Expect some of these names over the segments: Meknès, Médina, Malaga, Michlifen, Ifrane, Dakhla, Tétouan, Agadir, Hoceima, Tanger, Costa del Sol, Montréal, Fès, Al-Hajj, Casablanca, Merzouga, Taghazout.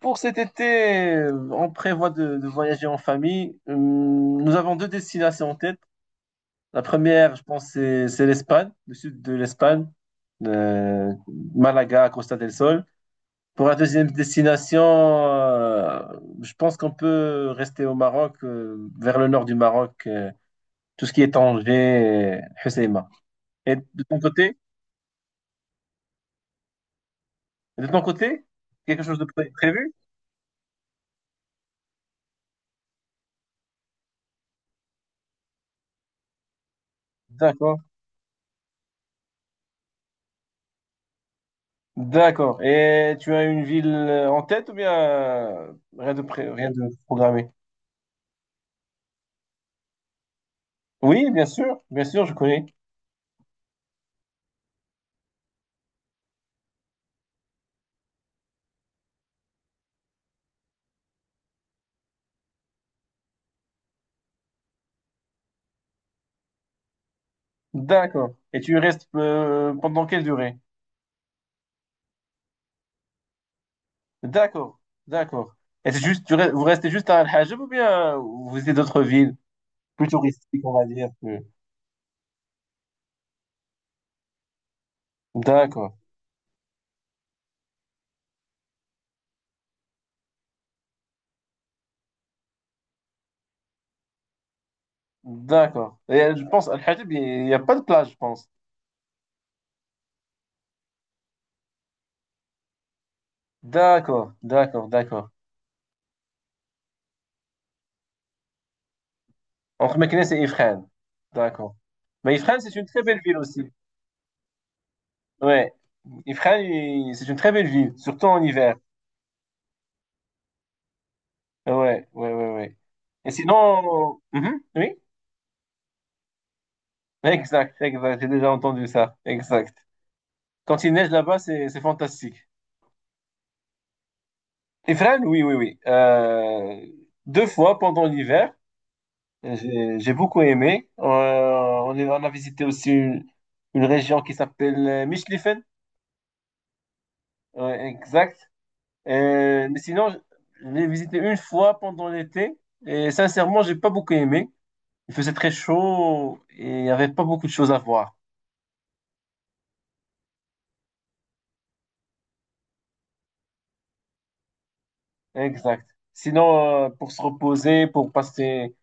Pour cet été, on prévoit de voyager en famille. Nous avons deux destinations en tête. La première, je pense, c'est l'Espagne, le sud de l'Espagne, euh, Malaga, Costa del Sol. Pour la deuxième destination, je pense qu'on peut rester au Maroc, vers le nord du Maroc, tout ce qui est Tanger, Hoceima. Et de ton côté, de ton côté, quelque chose de prévu? D'accord. D'accord. Et tu as une ville en tête ou bien rien de programmé? Oui, bien sûr, je connais. D'accord. Et tu y restes pendant quelle durée? D'accord, d'accord. Et c'est juste, vous restez juste à Al-Hajj ou bien vous visitez d'autres villes plus touristiques, on va dire. D'accord, d'accord. Et je pense Al-Hajj, il n'y a pas de plage, je pense. D'accord, d'accord, d'accord. Entre Meknès et Ifrane. D'accord. Mais Ifrane, c'est une très belle ville aussi. Ouais, Ifrane, c'est une très belle ville, surtout en hiver. Ouais, ouais, ouais, ouais. Et sinon, mhm, oui, exact, exact, j'ai déjà entendu ça, exact. Quand il neige là-bas, c'est fantastique. Ifrane, oui, oui, oui. Deux fois pendant l'hiver, j'ai beaucoup aimé. On on a visité aussi une région qui s'appelle Michlifen. Ouais, exact. Mais sinon, je l'ai visité une fois pendant l'été et sincèrement, j'ai pas beaucoup aimé. Il faisait très chaud et il n'y avait pas beaucoup de choses à voir. Exact. Sinon, pour se reposer, pour passer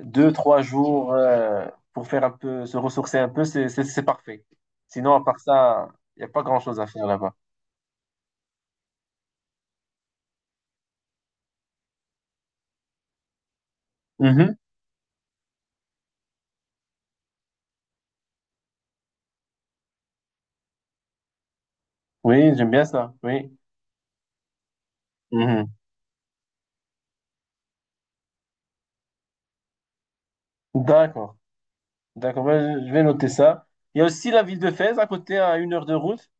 deux, trois jours, pour faire un peu, se ressourcer un peu, c'est parfait. Sinon, à part ça, il n'y a pas grand-chose à faire là-bas. Mhm. Oui, j'aime bien ça. Oui. Mhm. D'accord. D'accord. Ben, je vais noter ça. Il y a aussi la ville de Fès à côté, à 1 heure de route.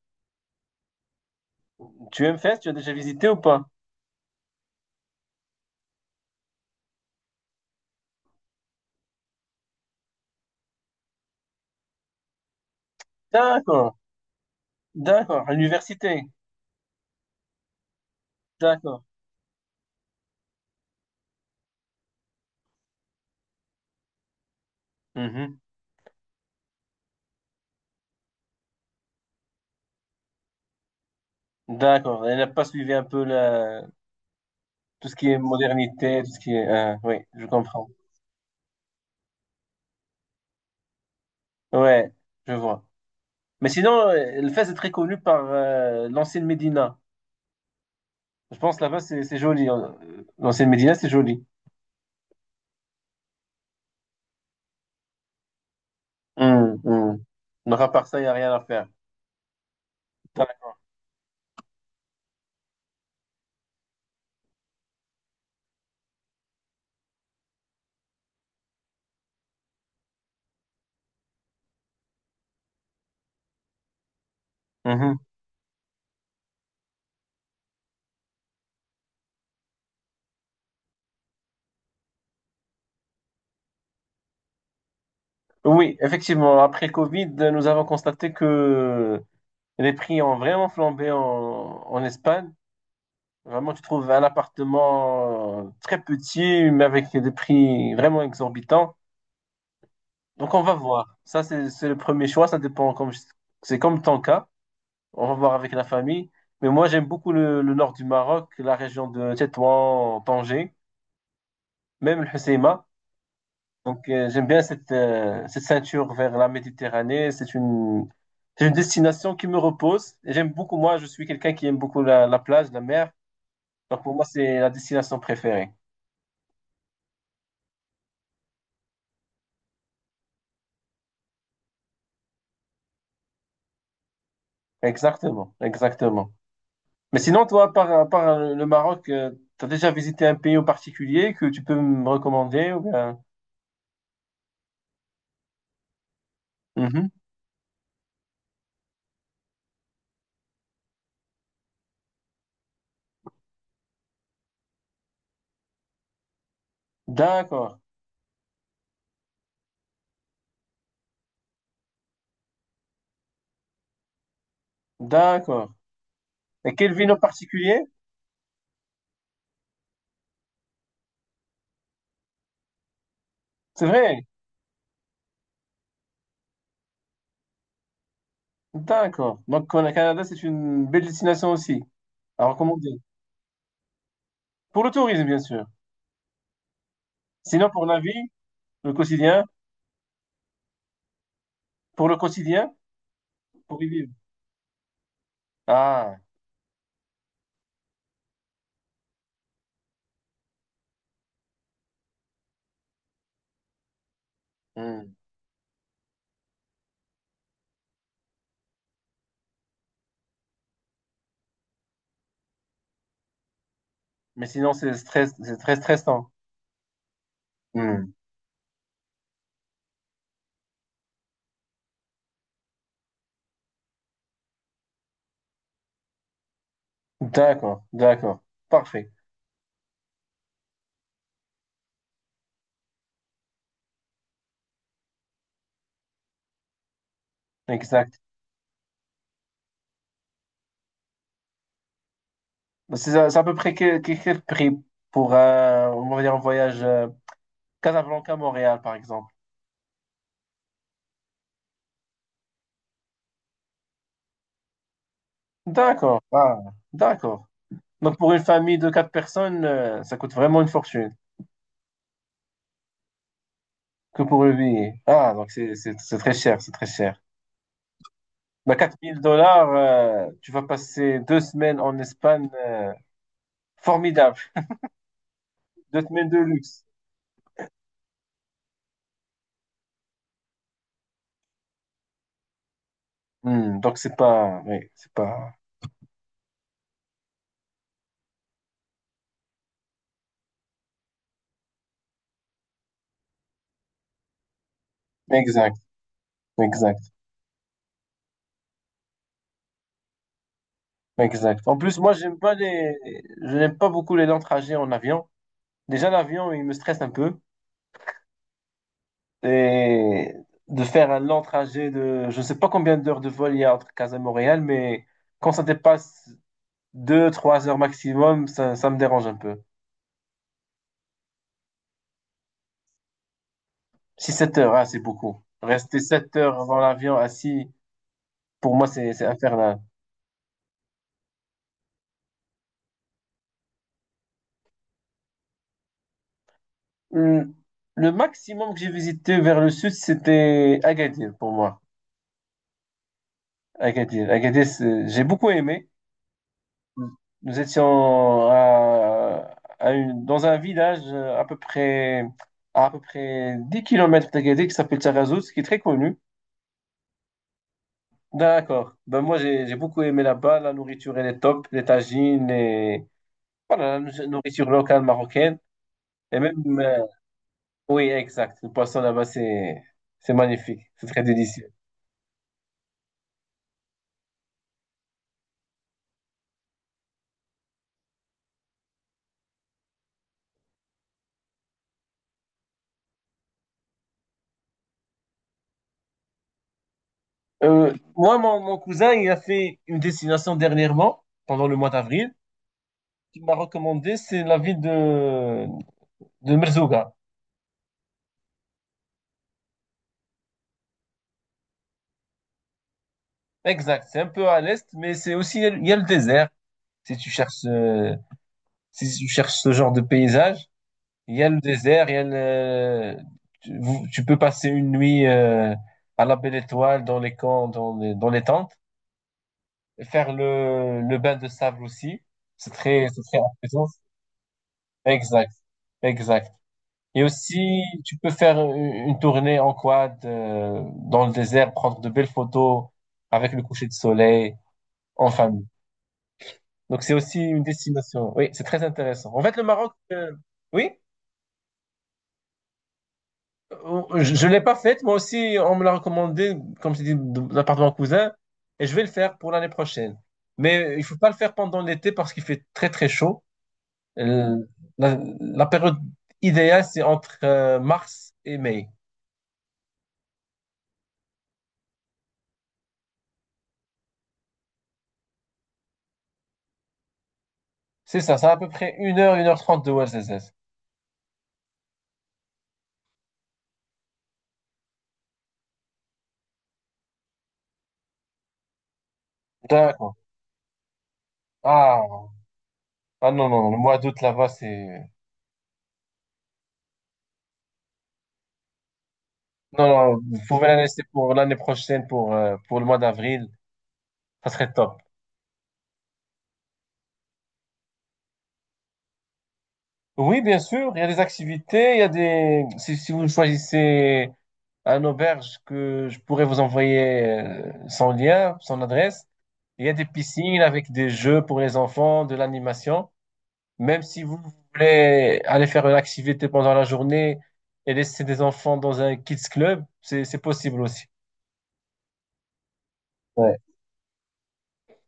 Tu aimes Fès? Tu as déjà visité ou pas? D'accord. D'accord. À l'université. D'accord. Mhm. D'accord, elle n'a pas suivi un peu la, tout ce qui est modernité, tout ce qui est, oui, je comprends. Ouais, je vois. Mais sinon, le Fès est très connu par l'ancienne Médina. Je pense là-bas, c'est joli, hein. L'ancienne Médina, c'est joli. Hum, hum. Donc à part ça, il n'y a rien à faire. D'accord. Mhm. Oui, effectivement, après le Covid, nous avons constaté que les prix ont vraiment flambé en Espagne. Vraiment, tu trouves un appartement très petit, mais avec des prix vraiment exorbitants. Donc on va voir. Ça, c'est le premier choix. Ça dépend. C'est comme ton cas. On va voir avec la famille. Mais moi, j'aime beaucoup le nord du Maroc, la région de Tétouan, Tanger, même le Hoceima. Donc j'aime bien cette ceinture vers la Méditerranée. C'est une destination qui me repose. Et j'aime beaucoup, moi, je suis quelqu'un qui aime beaucoup la plage, la mer. Donc pour moi, c'est la destination préférée. Exactement, exactement. Mais sinon, toi, par le Maroc, tu as déjà visité un pays en particulier que tu peux me recommander ou bien. Mhm. D'accord, d'accord. Et quelle ville en particulier? C'est vrai, d'accord. Donc, le Canada, c'est une belle destination aussi à recommander. Pour le tourisme, bien sûr. Sinon, pour la vie, le quotidien, le quotidien, pour y vivre. Ah, hmm. Mais sinon, c'est stress, c'est très stressant. Hmm. D'accord, d'accord. Parfait. Exact. Bah, C'est à peu près quel prix pour un, on va dire un voyage Casablanca-Montréal, par exemple. D'accord, ah, d'accord. Donc pour une famille de quatre personnes, ça coûte vraiment une fortune que pour le billet. Ah, donc c'est très cher, c'est très cher. Bah, 4000 dollars, tu vas passer 2 semaines en Espagne, formidable. 2 semaines de luxe. Hmm, donc c'est pas, oui, c'est pas. Exact, exact, exact. En plus, moi, j'aime pas les, je n'aime pas beaucoup les longs trajets en avion. Déjà, l'avion, il me stresse un peu. Et de faire un long trajet de, je ne sais pas combien d'heures de vol il y a entre Casa et Montréal, mais quand ça dépasse deux trois heures maximum, ça me dérange un peu. 6 7 heures, ah, c'est beaucoup. Rester 7 heures dans l'avion assis, pour moi, c'est infernal. Hum, Le maximum que j'ai visité vers le sud, c'était Agadir pour moi. Agadir, Agadir, j'ai beaucoup aimé. Nous étions dans un village à peu près 10 km d'Agadir qui s'appelle Taghazout, qui est très connu. D'accord. Ben moi, j'ai beaucoup aimé là-bas. La nourriture, elle est top. Les tagines, les. Voilà, la nourriture locale marocaine. Et même, oui, exact. Le poisson là-bas, c'est magnifique. C'est très délicieux. Moi, mon cousin, il a fait une destination dernièrement, pendant le mois d'avril, qu'il m'a recommandé, c'est la ville de Merzouga. Exact, c'est un peu à l'est, mais c'est aussi, il y a le désert. Si tu cherches, euh, si tu cherches ce genre de paysage, il y a le désert, il y a le, tu, vous- tu peux passer une nuit à la Belle Étoile, dans les camps, dans les tentes, et faire le bain de sable aussi. C'est très apaisant. Exact, exact. Et aussi, tu peux faire une tournée en quad dans le désert, prendre de belles photos avec le coucher de soleil en famille. Donc c'est aussi une destination. Oui, c'est très intéressant. En fait, le Maroc, oui, je l'ai pas faite. Moi aussi, on me l'a recommandé, comme je t'ai dit, de l'appartement cousin, et je vais le faire pour l'année prochaine. Mais il faut pas le faire pendant l'été parce qu'il fait très très chaud. Euh, la période idéale, c'est entre mars et mai. C'est ça, c'est à peu près 1 heure, 1h30 de OSS. D'accord. Ah, ah non, non, non, le mois d'août là-bas, c'est. Non, non, vous pouvez la laisser pour l'année prochaine, pour le mois d'avril. Ça serait top. Oui, bien sûr, il y a des activités, il y a des. Si vous choisissez un auberge que je pourrais vous envoyer son lien, son adresse, il y a des piscines avec des jeux pour les enfants, de l'animation. Même si vous voulez aller faire une activité pendant la journée et laisser des enfants dans un kids club, c'est possible aussi. Ouais.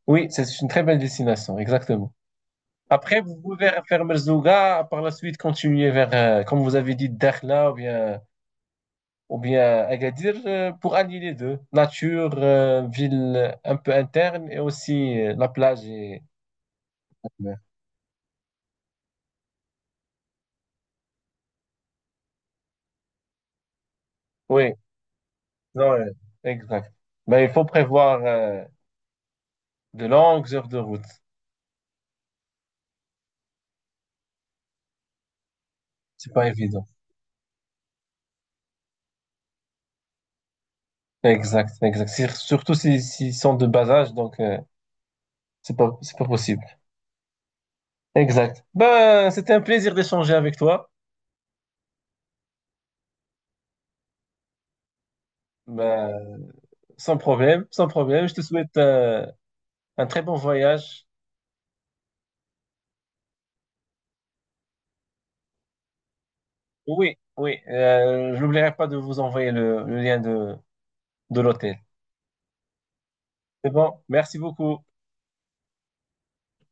Oui, c'est une très belle destination, exactement. Après, vous pouvez faire Merzouga, par la suite continuer vers, comme vous avez dit, Dakhla ou bien, Agadir pour allier les deux. Nature, ville un peu interne et aussi la plage. Et. Ouais. Oui, non, exact. Mais il faut prévoir de longues heures de route. C'est pas évident. Exact, exact. Surtout s'ils sont de bas âge, donc c'est pas possible. Exact. Ben, c'était un plaisir d'échanger avec toi. Ben, sans problème, sans problème. Je te souhaite un très bon voyage. Oui, oui. Je n'oublierai pas de vous envoyer le lien de l'hôtel. C'est bon. Merci beaucoup.